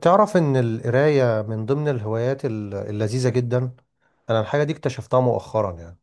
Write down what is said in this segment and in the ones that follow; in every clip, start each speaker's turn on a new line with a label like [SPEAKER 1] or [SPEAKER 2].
[SPEAKER 1] تعرف إن القراية من ضمن الهوايات اللذيذة جدا. أنا الحاجة دي اكتشفتها مؤخرا يعني.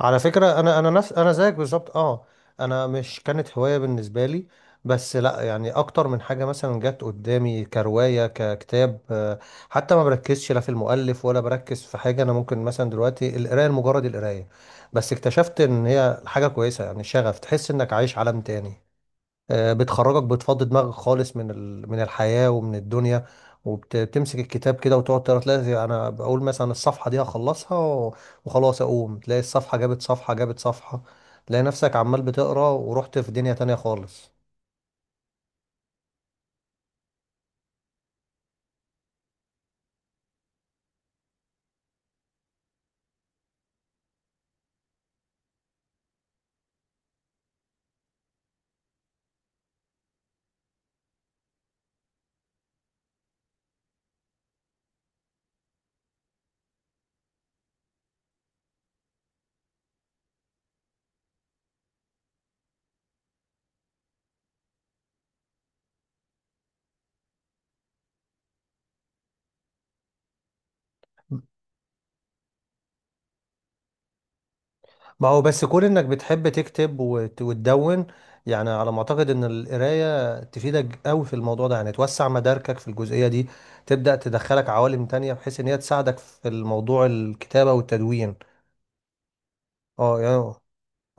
[SPEAKER 1] على فكرة أنا زيك بالظبط، أه، أنا مش كانت هواية بالنسبة لي. بس لأ، يعني أكتر من حاجة مثلا جت قدامي كرواية ككتاب. حتى ما بركزش لا في المؤلف ولا بركز في حاجة. أنا ممكن مثلا دلوقتي القراية لمجرد القراية، بس اكتشفت إن هي حاجة كويسة، يعني شغف تحس إنك عايش عالم تاني. بتخرجك، بتفضي دماغك خالص من الحياة ومن الدنيا. وبتمسك الكتاب كده وتقعد تقرا، تلاقي انا بقول مثلا الصفحة دي هخلصها وخلاص، اقوم تلاقي الصفحة جابت صفحة جابت صفحة، تلاقي نفسك عمال بتقرا ورحت في دنيا تانية خالص. ما هو بس كون انك بتحب تكتب وتدون، يعني على ما اعتقد ان القراية تفيدك قوي في الموضوع ده، يعني توسع مداركك في الجزئية دي، تبدأ تدخلك عوالم تانية بحيث ان هي تساعدك في الموضوع الكتابة والتدوين. اه يعني،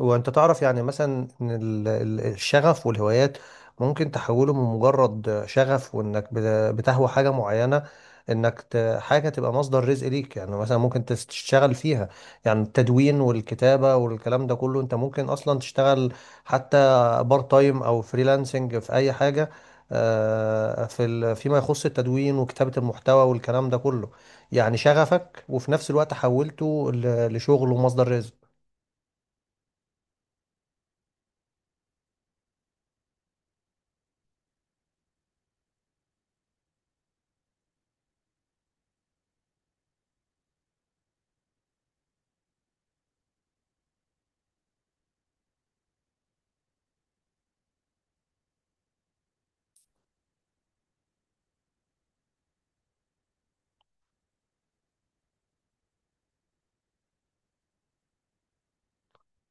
[SPEAKER 1] هو انت تعرف يعني مثلا ان الشغف والهوايات ممكن تحوله من مجرد شغف، وانك بتهوى حاجة معينة، انك حاجة تبقى مصدر رزق ليك. يعني مثلا ممكن تشتغل فيها، يعني التدوين والكتابة والكلام ده كله انت ممكن اصلا تشتغل حتى بارت تايم او فريلانسنج في اي حاجة. في فيما يخص التدوين وكتابة المحتوى والكلام ده كله، يعني شغفك وفي نفس الوقت حولته لشغل ومصدر رزق.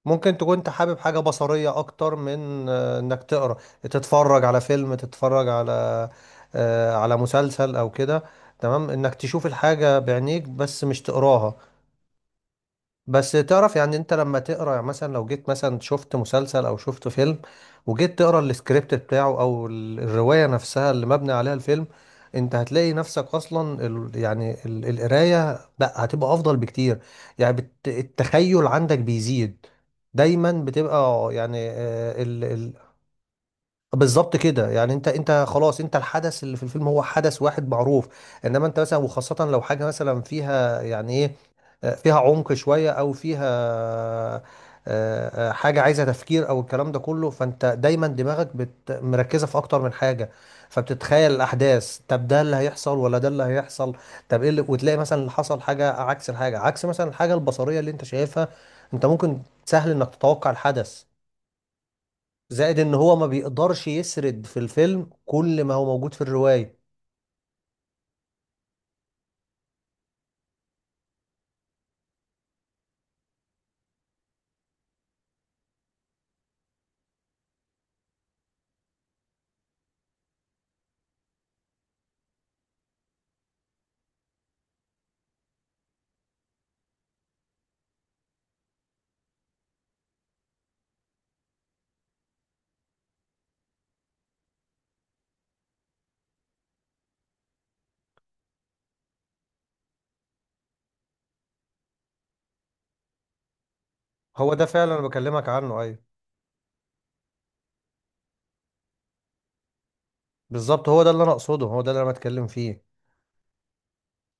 [SPEAKER 1] ممكن تكون انت حابب حاجة بصرية اكتر من، انك تقرا، تتفرج على فيلم، تتفرج على، على مسلسل او كده. تمام، انك تشوف الحاجة بعينيك بس مش تقراها. بس تعرف يعني انت لما تقرا، يعني مثلا لو جيت مثلا شفت مسلسل او شفت فيلم وجيت تقرا السكريبت بتاعه او الرواية نفسها اللي مبني عليها الفيلم، انت هتلاقي نفسك اصلا ال يعني القراية لا، هتبقى افضل بكتير. يعني بت التخيل عندك بيزيد، دايما بتبقى يعني بالظبط كده. يعني انت خلاص، انت الحدث اللي في الفيلم هو حدث واحد معروف، انما انت مثلا وخاصة لو حاجة مثلا فيها يعني ايه، فيها عمق شوية او فيها حاجة عايزة تفكير او الكلام ده كله، فانت دايما دماغك مركزة في اكتر من حاجة، فبتتخيل الاحداث، طب ده اللي هيحصل ولا ده اللي هيحصل، طب ايه اللي، وتلاقي مثلا اللي حصل حاجة عكس الحاجة، عكس مثلا الحاجة البصرية اللي انت شايفها. انت ممكن، سهل انك تتوقع الحدث، زائد ان هو ما بيقدرش يسرد في الفيلم كل ما هو موجود في الرواية. هو ده فعلا انا بكلمك عنه، ايوه بالظبط، هو ده اللي انا اقصده، هو ده اللي انا بتكلم فيه.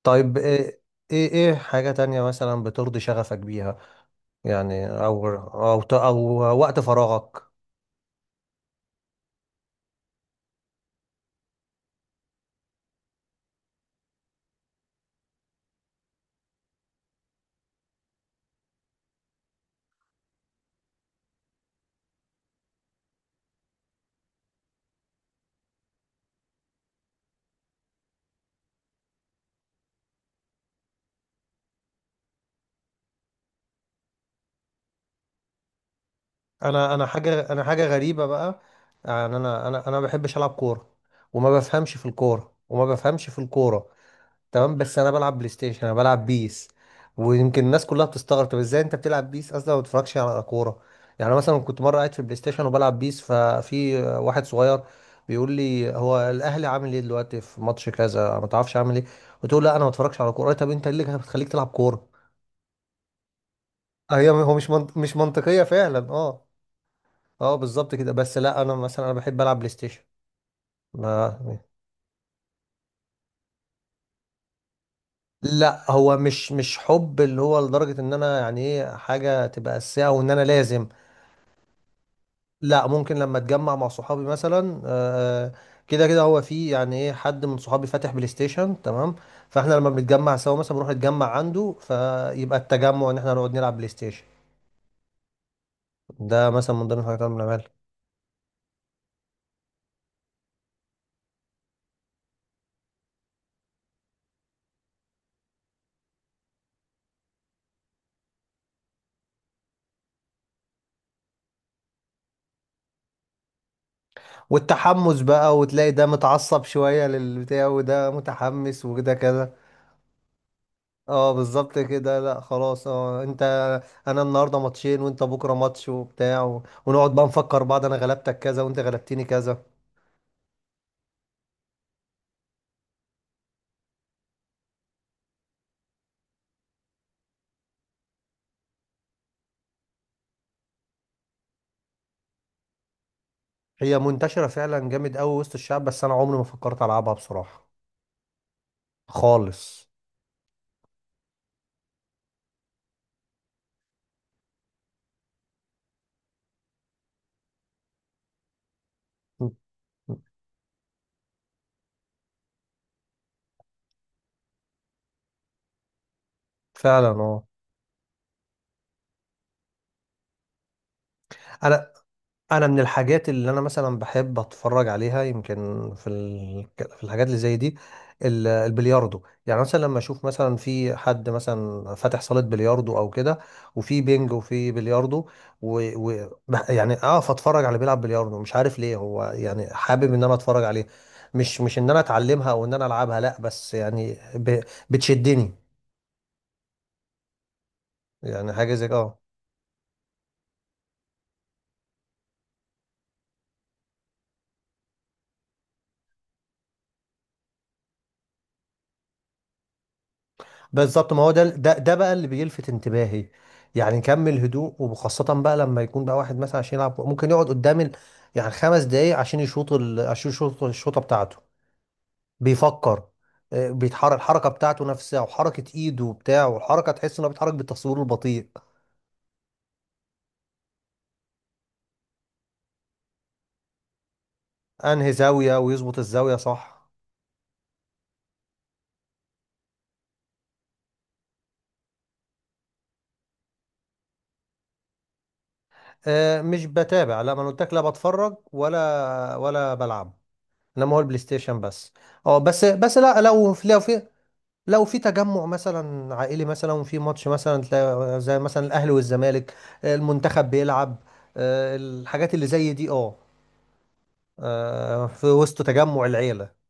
[SPEAKER 1] طيب، ايه إيه حاجة تانية مثلا بترضي شغفك بيها؟ يعني، او وقت فراغك. انا حاجة، انا حاجة غريبة بقى، يعني انا ما بحبش العب كورة، وما بفهمش في الكورة، تمام، بس انا بلعب بلاي ستيشن، انا بلعب بيس. ويمكن الناس كلها بتستغرب طب ازاي انت بتلعب بيس اصلا ما بتتفرجش على كوره؟ يعني أنا مثلا كنت مره قاعد في البلاي ستيشن وبلعب بيس، ففي واحد صغير بيقول لي: هو الاهلي عامل ايه دلوقتي في ماتش كذا، ما تعرفش عامل ايه؟ قلت له: لا انا ما بتفرجش على كوره. طب انت إيه اللي بتخليك تلعب كوره؟ هي هو مش منط... مش منطقيه فعلا، اه. اه بالظبط كده، بس لا انا مثلا انا بحب العب بلاي ستيشن. ما... لا هو مش حب اللي هو لدرجه ان انا، يعني ايه، حاجه تبقى اساسيه وان انا لازم. لا، ممكن لما اتجمع مع صحابي مثلا، كده كده هو في يعني ايه حد من صحابي فاتح بلاي ستيشن. تمام، فاحنا لما بنتجمع سوا مثلا بنروح نتجمع عنده، فيبقى التجمع ان احنا نقعد نلعب بلاي ستيشن. ده مثلا من ضمن الحاجات اللي بنعملها، والتحمس بقى، وتلاقي ده متعصب شوية للبتاع وده متحمس وكده كده. اه بالظبط كده، لا خلاص، اه انت، انا النهارده ماتشين وانت بكره ماتش وبتاع، ونقعد بقى نفكر بعض، انا غلبتك كذا وانت غلبتني كذا. هي منتشرة فعلا جامد قوي وسط الشعب، بس انا عمري ما فكرت العبها بصراحة خالص. م- م- فعلا اه. انا انا من الحاجات اللي انا مثلا بحب اتفرج عليها يمكن في الحاجات اللي زي دي، البلياردو. يعني مثلا لما اشوف مثلا في حد مثلا فاتح صالة بلياردو او كده، وفي بينج وفي بلياردو، و... يعني اقف اتفرج على بيلعب بلياردو. مش عارف ليه، هو يعني حابب ان انا اتفرج عليه. مش ان انا اتعلمها او ان انا العبها، لا، بس يعني بتشدني. يعني حاجة زي اه بالظبط، ما هو ده ده بقى اللي بيلفت انتباهي. يعني كمل هدوء، وخاصة بقى لما يكون بقى واحد مثلا عشان يلعب ممكن يقعد قدام يعني 5 دقايق عشان يشوط عشان يشوط الشوطة بتاعته، بيفكر، بيتحرك الحركة بتاعته نفسها، وحركة ايده وبتاع، والحركة تحس انه بيتحرك بالتصوير البطيء. انهي زاوية ويظبط الزاوية صح. مش بتابع، لا ما أنا قلت لك لا بتفرج ولا بلعب، انما هو البلاي ستيشن بس. اه بس لا، لو في، لو في تجمع مثلا عائلي مثلا وفي ماتش مثلا تلاقي، زي مثلا الاهلي والزمالك، المنتخب بيلعب، الحاجات اللي زي دي اه، في وسط تجمع العيلة.